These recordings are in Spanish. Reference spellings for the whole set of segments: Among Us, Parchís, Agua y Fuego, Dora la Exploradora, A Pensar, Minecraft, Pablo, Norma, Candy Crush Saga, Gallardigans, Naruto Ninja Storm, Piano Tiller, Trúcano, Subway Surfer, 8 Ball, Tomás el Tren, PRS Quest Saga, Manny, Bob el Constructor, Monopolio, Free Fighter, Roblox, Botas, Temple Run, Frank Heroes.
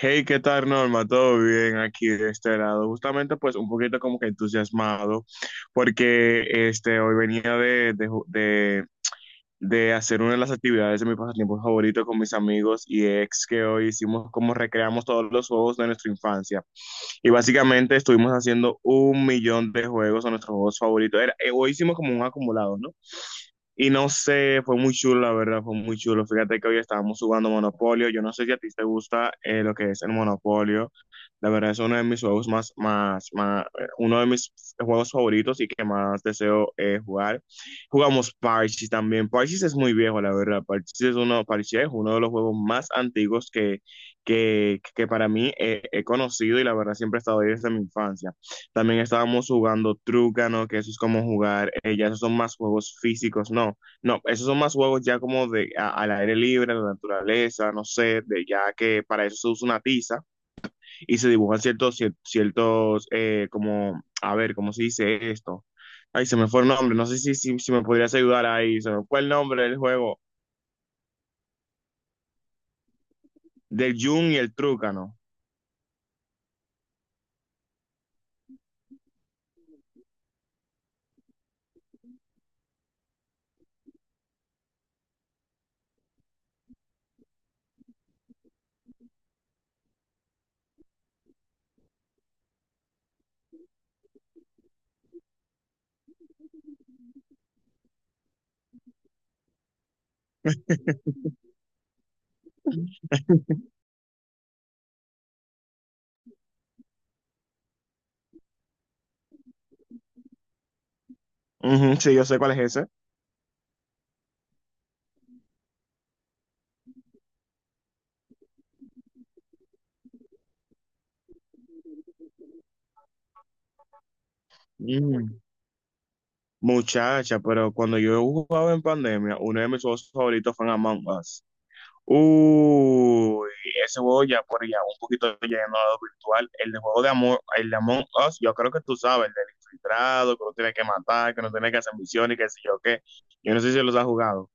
Hey, ¿qué tal, Norma? ¿Todo bien aquí de este lado? Justamente, pues, un poquito como que entusiasmado, porque este, hoy venía de hacer una de las actividades de mi pasatiempo favorito con mis amigos y ex que hoy hicimos como recreamos todos los juegos de nuestra infancia. Y básicamente estuvimos haciendo un millón de juegos, o nuestros juegos favoritos. Era, hoy hicimos como un acumulado, ¿no? Y no sé, fue muy chulo, la verdad, fue muy chulo. Fíjate que hoy estábamos jugando Monopolio. Yo no sé si a ti te gusta lo que es el Monopolio. La verdad es uno de mis juegos más, más, más, uno de mis juegos favoritos y que más deseo jugar. Jugamos Parchís también. Parchís es muy viejo, la verdad. Parchís es uno de los juegos más antiguos que para mí he conocido y la verdad siempre he estado ahí desde mi infancia. También estábamos jugando Trúcano, que eso es como jugar, ya esos son más juegos físicos, no, no, esos son más juegos ya como al aire libre, a la naturaleza, no sé, de ya que para eso se usa una tiza y se dibujan ciertos, como, a ver, ¿cómo se dice esto? Ay, se me fue el nombre, no sé si me podrías ayudar ahí, se me fue el nombre del juego, del yun y el Trúcano. Ujú, sí, yo sé cuál es ese. Ujú. Muchacha, pero cuando yo jugaba en pandemia, uno de mis juegos favoritos fue Among Us. Uy, ese juego ya por ya un poquito lleno a lo virtual. El de juego de amor, el de Among Us, yo creo que tú sabes, el del infiltrado, que uno tiene que matar, que no tiene que hacer misiones y qué sé yo qué. Yo no sé si los has jugado.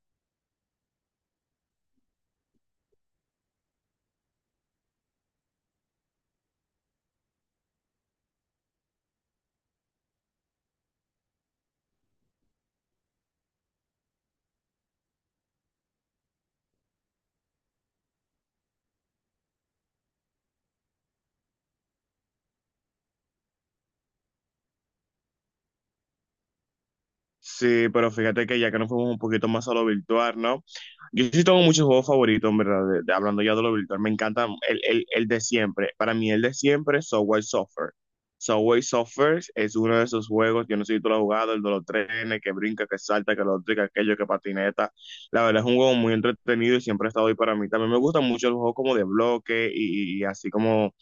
Sí, pero fíjate que ya que nos fuimos un poquito más a lo virtual, ¿no? Yo sí tengo muchos juegos favoritos, en verdad, hablando ya de lo virtual, me encanta el de siempre. Para mí el de siempre es Subway Surfer. Subway Surfer es uno de esos juegos, yo no sé si tú lo has jugado, el de los trenes, que brinca, que salta, que lo otro, que aquello, que patineta. La verdad es un juego muy entretenido y siempre ha estado ahí para mí. También me gustan mucho los juegos como de bloque y así como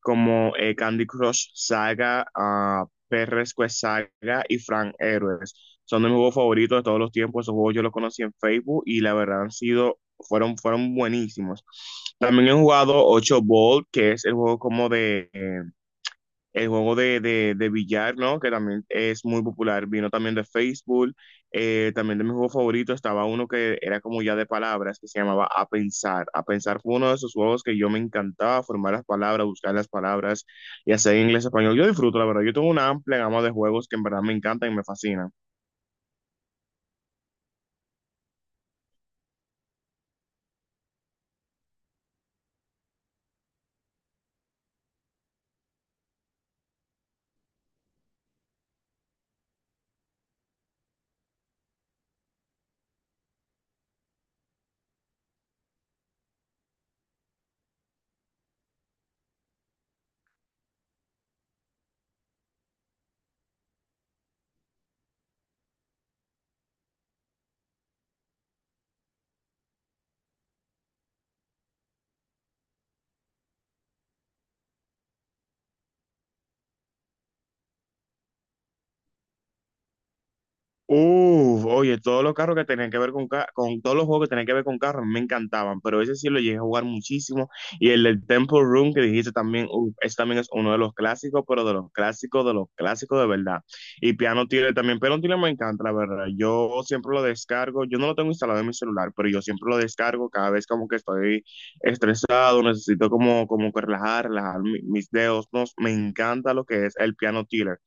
como Candy Crush Saga, ah, PRS Quest Saga y Frank Heroes. Son de mis juegos favoritos de todos los tiempos. Esos juegos yo los conocí en Facebook y la verdad han sido, fueron, fueron buenísimos. También he jugado 8 Ball, que es el juego como de, el juego de billar, ¿no? Que también es muy popular. Vino también de Facebook. También de mi juego favorito estaba uno que era como ya de palabras, que se llamaba A Pensar. A Pensar fue uno de esos juegos que yo me encantaba, formar las palabras, buscar las palabras, y hacer inglés, español. Yo disfruto, la verdad. Yo tengo una amplia gama de juegos que en verdad me encantan y me fascinan. Uf, oye, todos los carros que tenían que ver con todos los juegos que tenían que ver con carros me encantaban, pero ese sí lo llegué a jugar muchísimo. Y el del Temple Run que dijiste también, uf, ese también es uno de los clásicos, pero de los clásicos, de los clásicos de verdad. Y Piano Tiller también, Piano Tiller me encanta, la verdad. Yo siempre lo descargo, yo no lo tengo instalado en mi celular, pero yo siempre lo descargo cada vez como que estoy estresado, necesito como, como que relajar, relajar mis dedos, no, me encanta lo que es el Piano Tiller.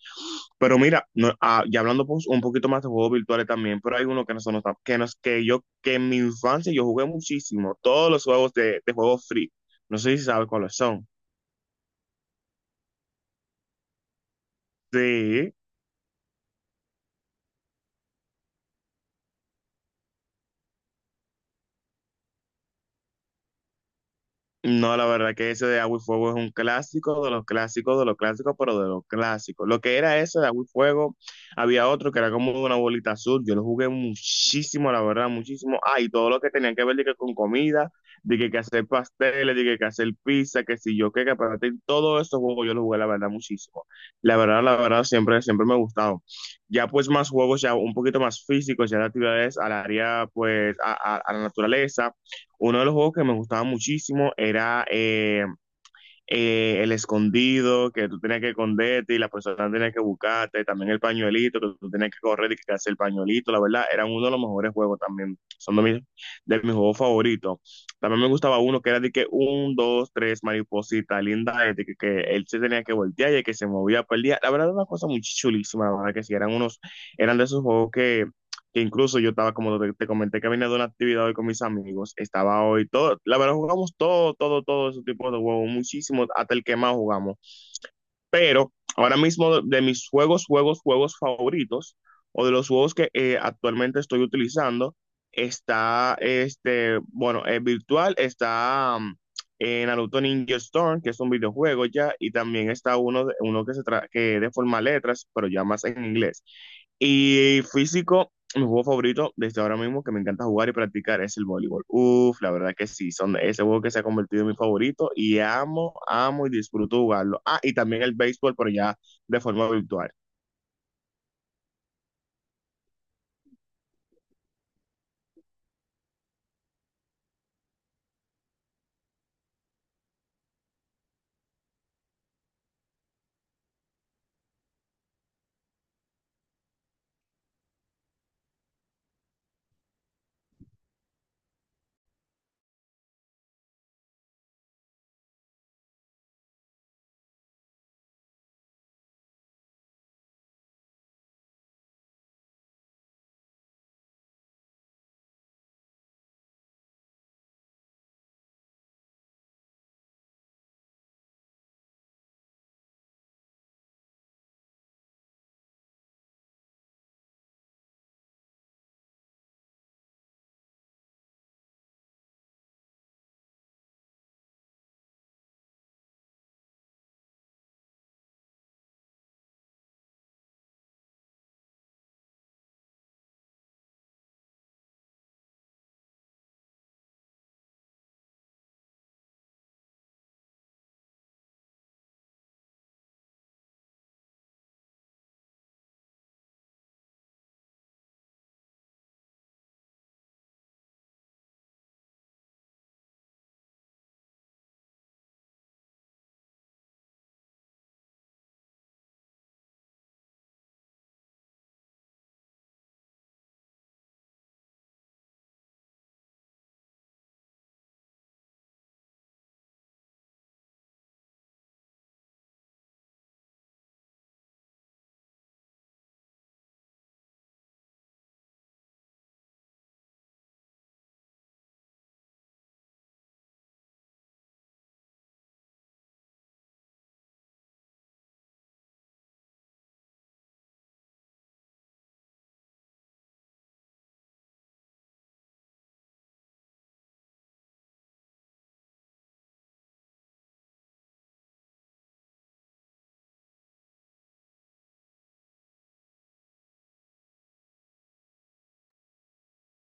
Pero mira, no, ah, ya hablando pues, un poquito más de juegos virtuales también, pero hay uno que no son que no es que yo, que en mi infancia yo jugué muchísimo, todos los juegos de juegos free. No sé si sabes cuáles son. Sí. No, la verdad que ese de Agua y Fuego es un clásico de los clásicos, pero de los clásicos. Lo que era ese de Agua y Fuego, había otro que era como una bolita azul. Yo lo jugué muchísimo, la verdad, muchísimo. Ah, y todo lo que tenían que ver de que con comida, de que hacer pasteles, de que hacer pizza, que si yo qué, que para ti, todo eso juegos yo lo jugué, la verdad, muchísimo. La verdad, siempre, siempre me ha gustado. Ya pues más juegos, ya un poquito más físicos, ya de actividades al área, pues, a la naturaleza uno de los juegos que me gustaba muchísimo era el escondido, que tú tenías que esconderte y la persona tenía que buscarte, también el pañuelito, que tú tenías que correr y que hacer el pañuelito, la verdad, eran uno de los mejores juegos también, son de mis juegos favoritos. También me gustaba uno que era de que un, dos, tres, mariposita, linda, de que él se tenía que voltear y el que se movía, perdía. La verdad, era una cosa muy chulísima, la verdad que sí, eran unos, eran de esos juegos que incluso yo estaba, como te comenté, que vine de una actividad hoy con mis amigos, estaba hoy todo, la verdad jugamos todo, todo, todo ese tipo de juegos, muchísimo, hasta el que más jugamos, pero ahora mismo de mis juegos, juegos, juegos favoritos, o de los juegos que actualmente estoy utilizando, está, este, bueno, es virtual, está, Naruto Ninja Storm, que es un videojuego ya, y también está uno que de forma letras, pero ya más en inglés. Y físico, mi juego favorito desde ahora mismo que me encanta jugar y practicar es el voleibol. Uf, la verdad que sí, son ese juego que se ha convertido en mi favorito y amo, amo y disfruto jugarlo. Ah, y también el béisbol, pero ya de forma virtual.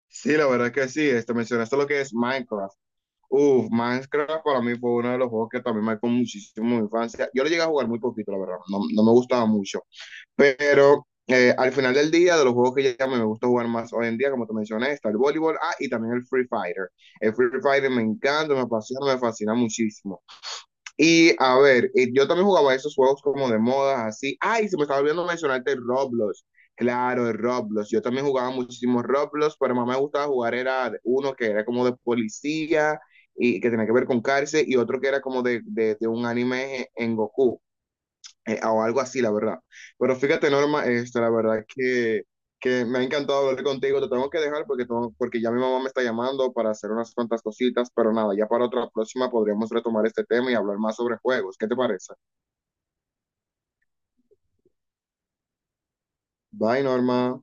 Sí, la verdad que sí, este, mencionaste lo que es Minecraft. Uf, Minecraft para mí fue uno de los juegos que también marcó muchísimo mi infancia. Yo lo llegué a jugar muy poquito, la verdad, no, no me gustaba mucho. Pero al final del día, de los juegos que ya me gusta jugar más hoy en día, como te mencioné, está el voleibol, ah, y también el Free Fighter. El Free Fighter me encanta, me apasiona, me fascina muchísimo. Y a ver, yo también jugaba esos juegos como de moda, así. Ay, se me estaba olvidando mencionarte el Roblox. Claro, el Roblox. Yo también jugaba muchísimos Roblox, pero más me gustaba jugar era uno que era como de policía y que tenía que ver con cárcel y otro que era como de un anime en Goku o algo así, la verdad. Pero fíjate, Norma, este, la verdad que me ha encantado hablar contigo. Te tengo que dejar porque ya mi mamá me está llamando para hacer unas cuantas cositas, pero nada, ya para otra próxima podríamos retomar este tema y hablar más sobre juegos. ¿Qué te parece? Bye, Norma.